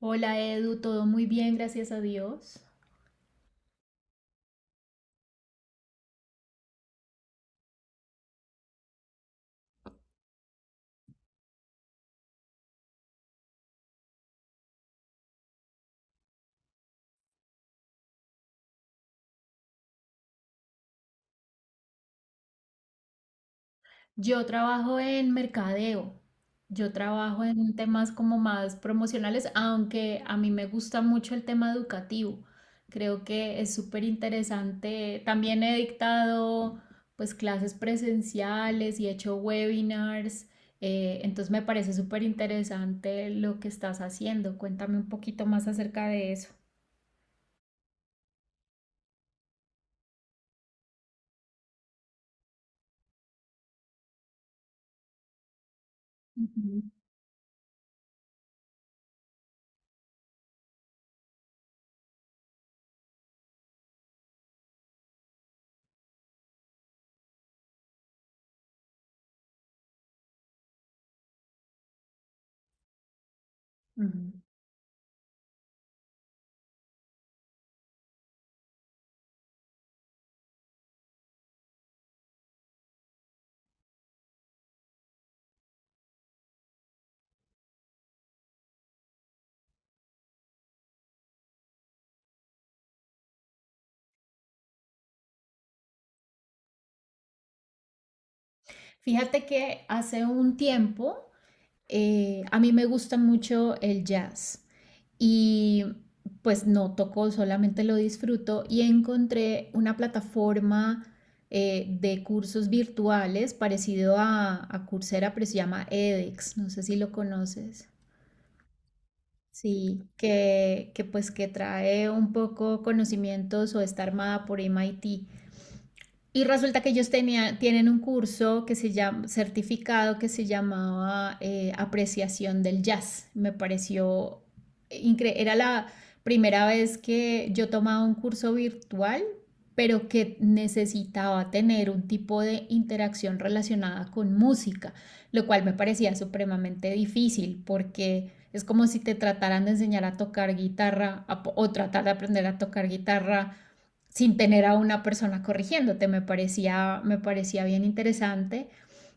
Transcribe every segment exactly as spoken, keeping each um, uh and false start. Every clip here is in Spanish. Hola Edu, todo muy bien, gracias a Dios. Yo trabajo en mercadeo, yo trabajo en temas como más promocionales, aunque a mí me gusta mucho el tema educativo. Creo que es súper interesante. También he dictado pues clases presenciales y he hecho webinars. Eh, entonces me parece súper interesante lo que estás haciendo. Cuéntame un poquito más acerca de eso. Ujú, ujú. Fíjate que hace un tiempo. Eh, a mí me gusta mucho el jazz y pues no toco, solamente lo disfruto y encontré una plataforma, eh, de cursos virtuales parecido a, a Coursera, pero se llama edX, no sé si lo conoces. Sí, que, que pues que trae un poco conocimientos o está armada por M I T. Y resulta que ellos tenía- tienen un curso que se llama, certificado que se llamaba, eh, Apreciación del Jazz. Me pareció increíble. Era la primera vez que yo tomaba un curso virtual, pero que necesitaba tener un tipo de interacción relacionada con música, lo cual me parecía supremamente difícil porque es como si te trataran de enseñar a tocar guitarra a o tratar de aprender a tocar guitarra sin tener a una persona corrigiéndote. Me parecía, me parecía bien interesante.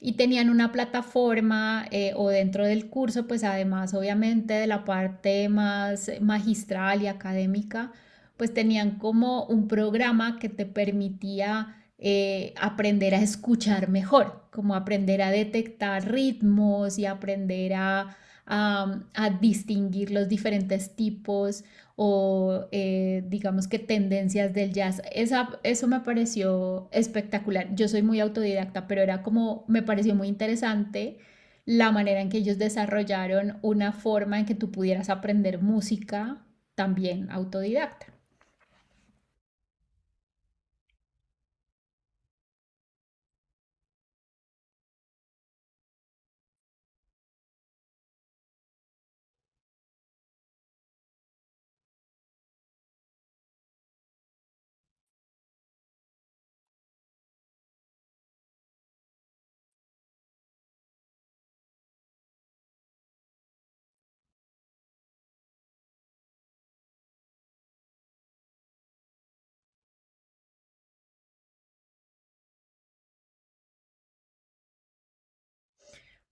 Y tenían una plataforma, eh, o dentro del curso, pues además obviamente de la parte más magistral y académica, pues tenían como un programa que te permitía, eh, aprender a escuchar mejor, como aprender a detectar ritmos y aprender a, a, a distinguir los diferentes tipos o, eh, digamos que tendencias del jazz. Esa, eso me pareció espectacular. Yo soy muy autodidacta, pero era como, me pareció muy interesante la manera en que ellos desarrollaron una forma en que tú pudieras aprender música también autodidacta.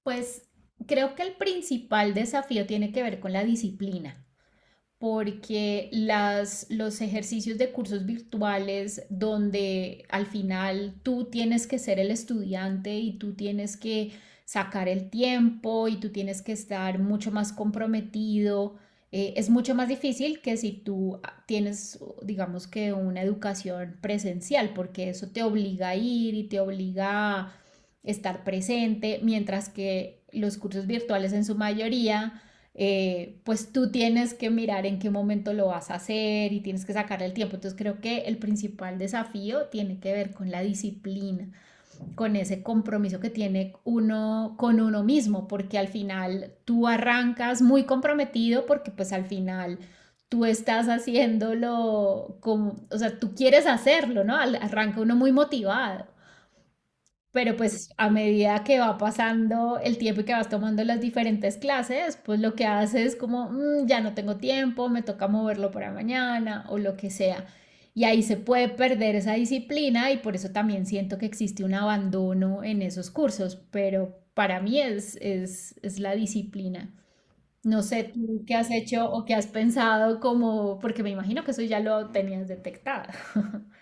Pues creo que el principal desafío tiene que ver con la disciplina. Porque las, los ejercicios de cursos virtuales donde al final tú tienes que ser el estudiante y tú tienes que sacar el tiempo y tú tienes que estar mucho más comprometido, eh, es mucho más difícil que si tú tienes, digamos que una educación presencial, porque eso te obliga a ir y te obliga a estar presente, mientras que los cursos virtuales en su mayoría, eh, pues tú tienes que mirar en qué momento lo vas a hacer y tienes que sacarle el tiempo. Entonces creo que el principal desafío tiene que ver con la disciplina, con ese compromiso que tiene uno con uno mismo, porque al final tú arrancas muy comprometido porque pues al final tú estás haciéndolo como, o sea, tú quieres hacerlo, ¿no? Arranca uno muy motivado, pero pues a medida que va pasando el tiempo y que vas tomando las diferentes clases, pues lo que haces es como, "Mm, ya no tengo tiempo, me toca moverlo para mañana o lo que sea". Y ahí se puede perder esa disciplina y por eso también siento que existe un abandono en esos cursos, pero para mí es, es, es la disciplina. No sé tú qué has hecho o qué has pensado como, porque me imagino que eso ya lo tenías detectado.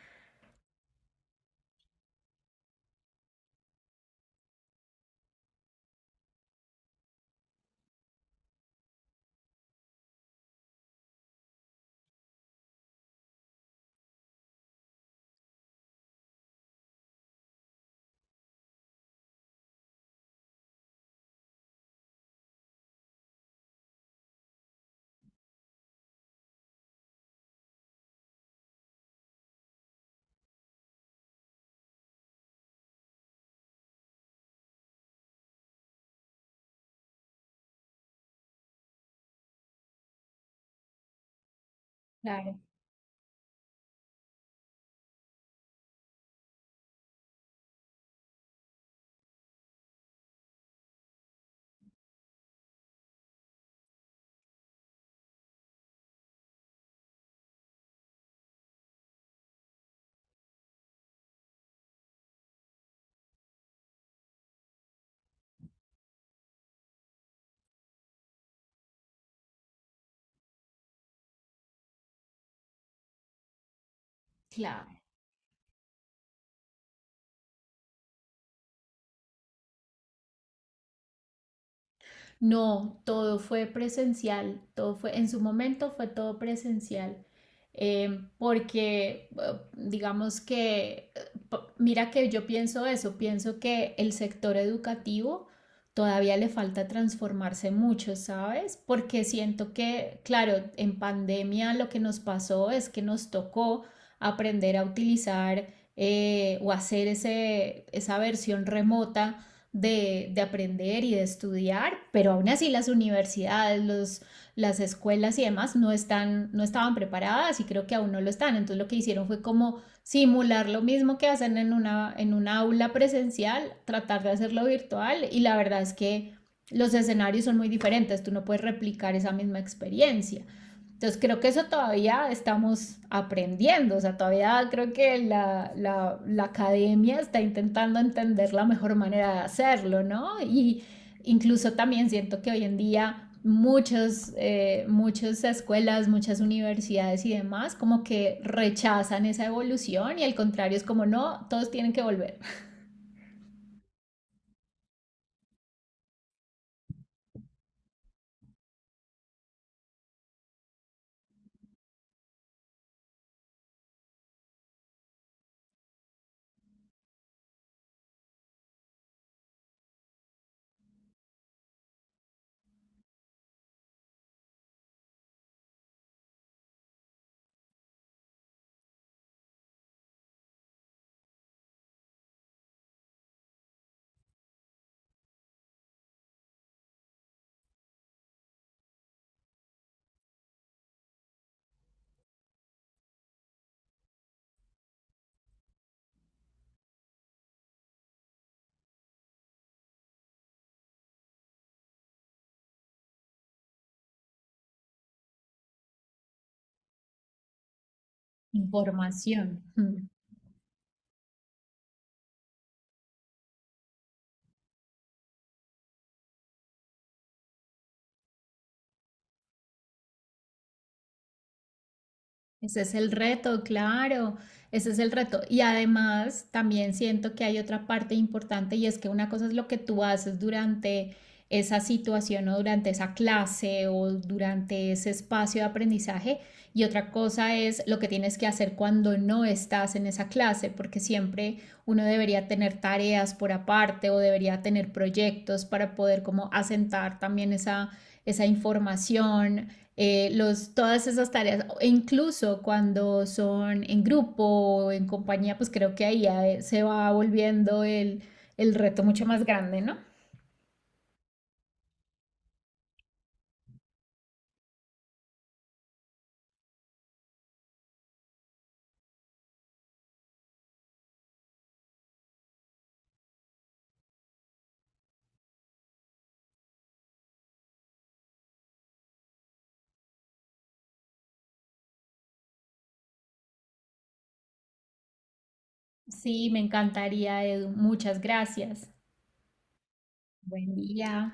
Claro, claro. No, todo fue presencial, todo fue, en su momento fue todo presencial, eh, porque eh, digamos que, eh, mira que yo pienso eso, pienso que el sector educativo todavía le falta transformarse mucho, ¿sabes? Porque siento que, claro, en pandemia lo que nos pasó es que nos tocó aprender a utilizar, eh, o hacer ese, esa versión remota de, de, aprender y de estudiar, pero aún así las universidades, los, las escuelas y demás no, están, no estaban preparadas y creo que aún no lo están. Entonces lo que hicieron fue como simular lo mismo que hacen en una, en una aula presencial, tratar de hacerlo virtual y la verdad es que los escenarios son muy diferentes, tú no puedes replicar esa misma experiencia. Entonces creo que eso todavía estamos aprendiendo, o sea, todavía creo que la, la, la academia está intentando entender la mejor manera de hacerlo, ¿no? Y incluso también siento que hoy en día muchos, eh, muchas escuelas, muchas universidades y demás como que rechazan esa evolución y al contrario es como, no, todos tienen que volver. Información. Mm. Ese es el reto, claro, ese es el reto. Y además también siento que hay otra parte importante y es que una cosa es lo que tú haces durante esa situación o durante esa clase o durante ese espacio de aprendizaje y otra cosa es lo que tienes que hacer cuando no estás en esa clase, porque siempre uno debería tener tareas por aparte o debería tener proyectos para poder como asentar también esa, esa información, eh, los, todas esas tareas, e incluso cuando son en grupo o en compañía, pues creo que ahí ya, eh, se va volviendo el, el reto mucho más grande, ¿no? Sí, me encantaría, Edu. Muchas gracias. Buen día.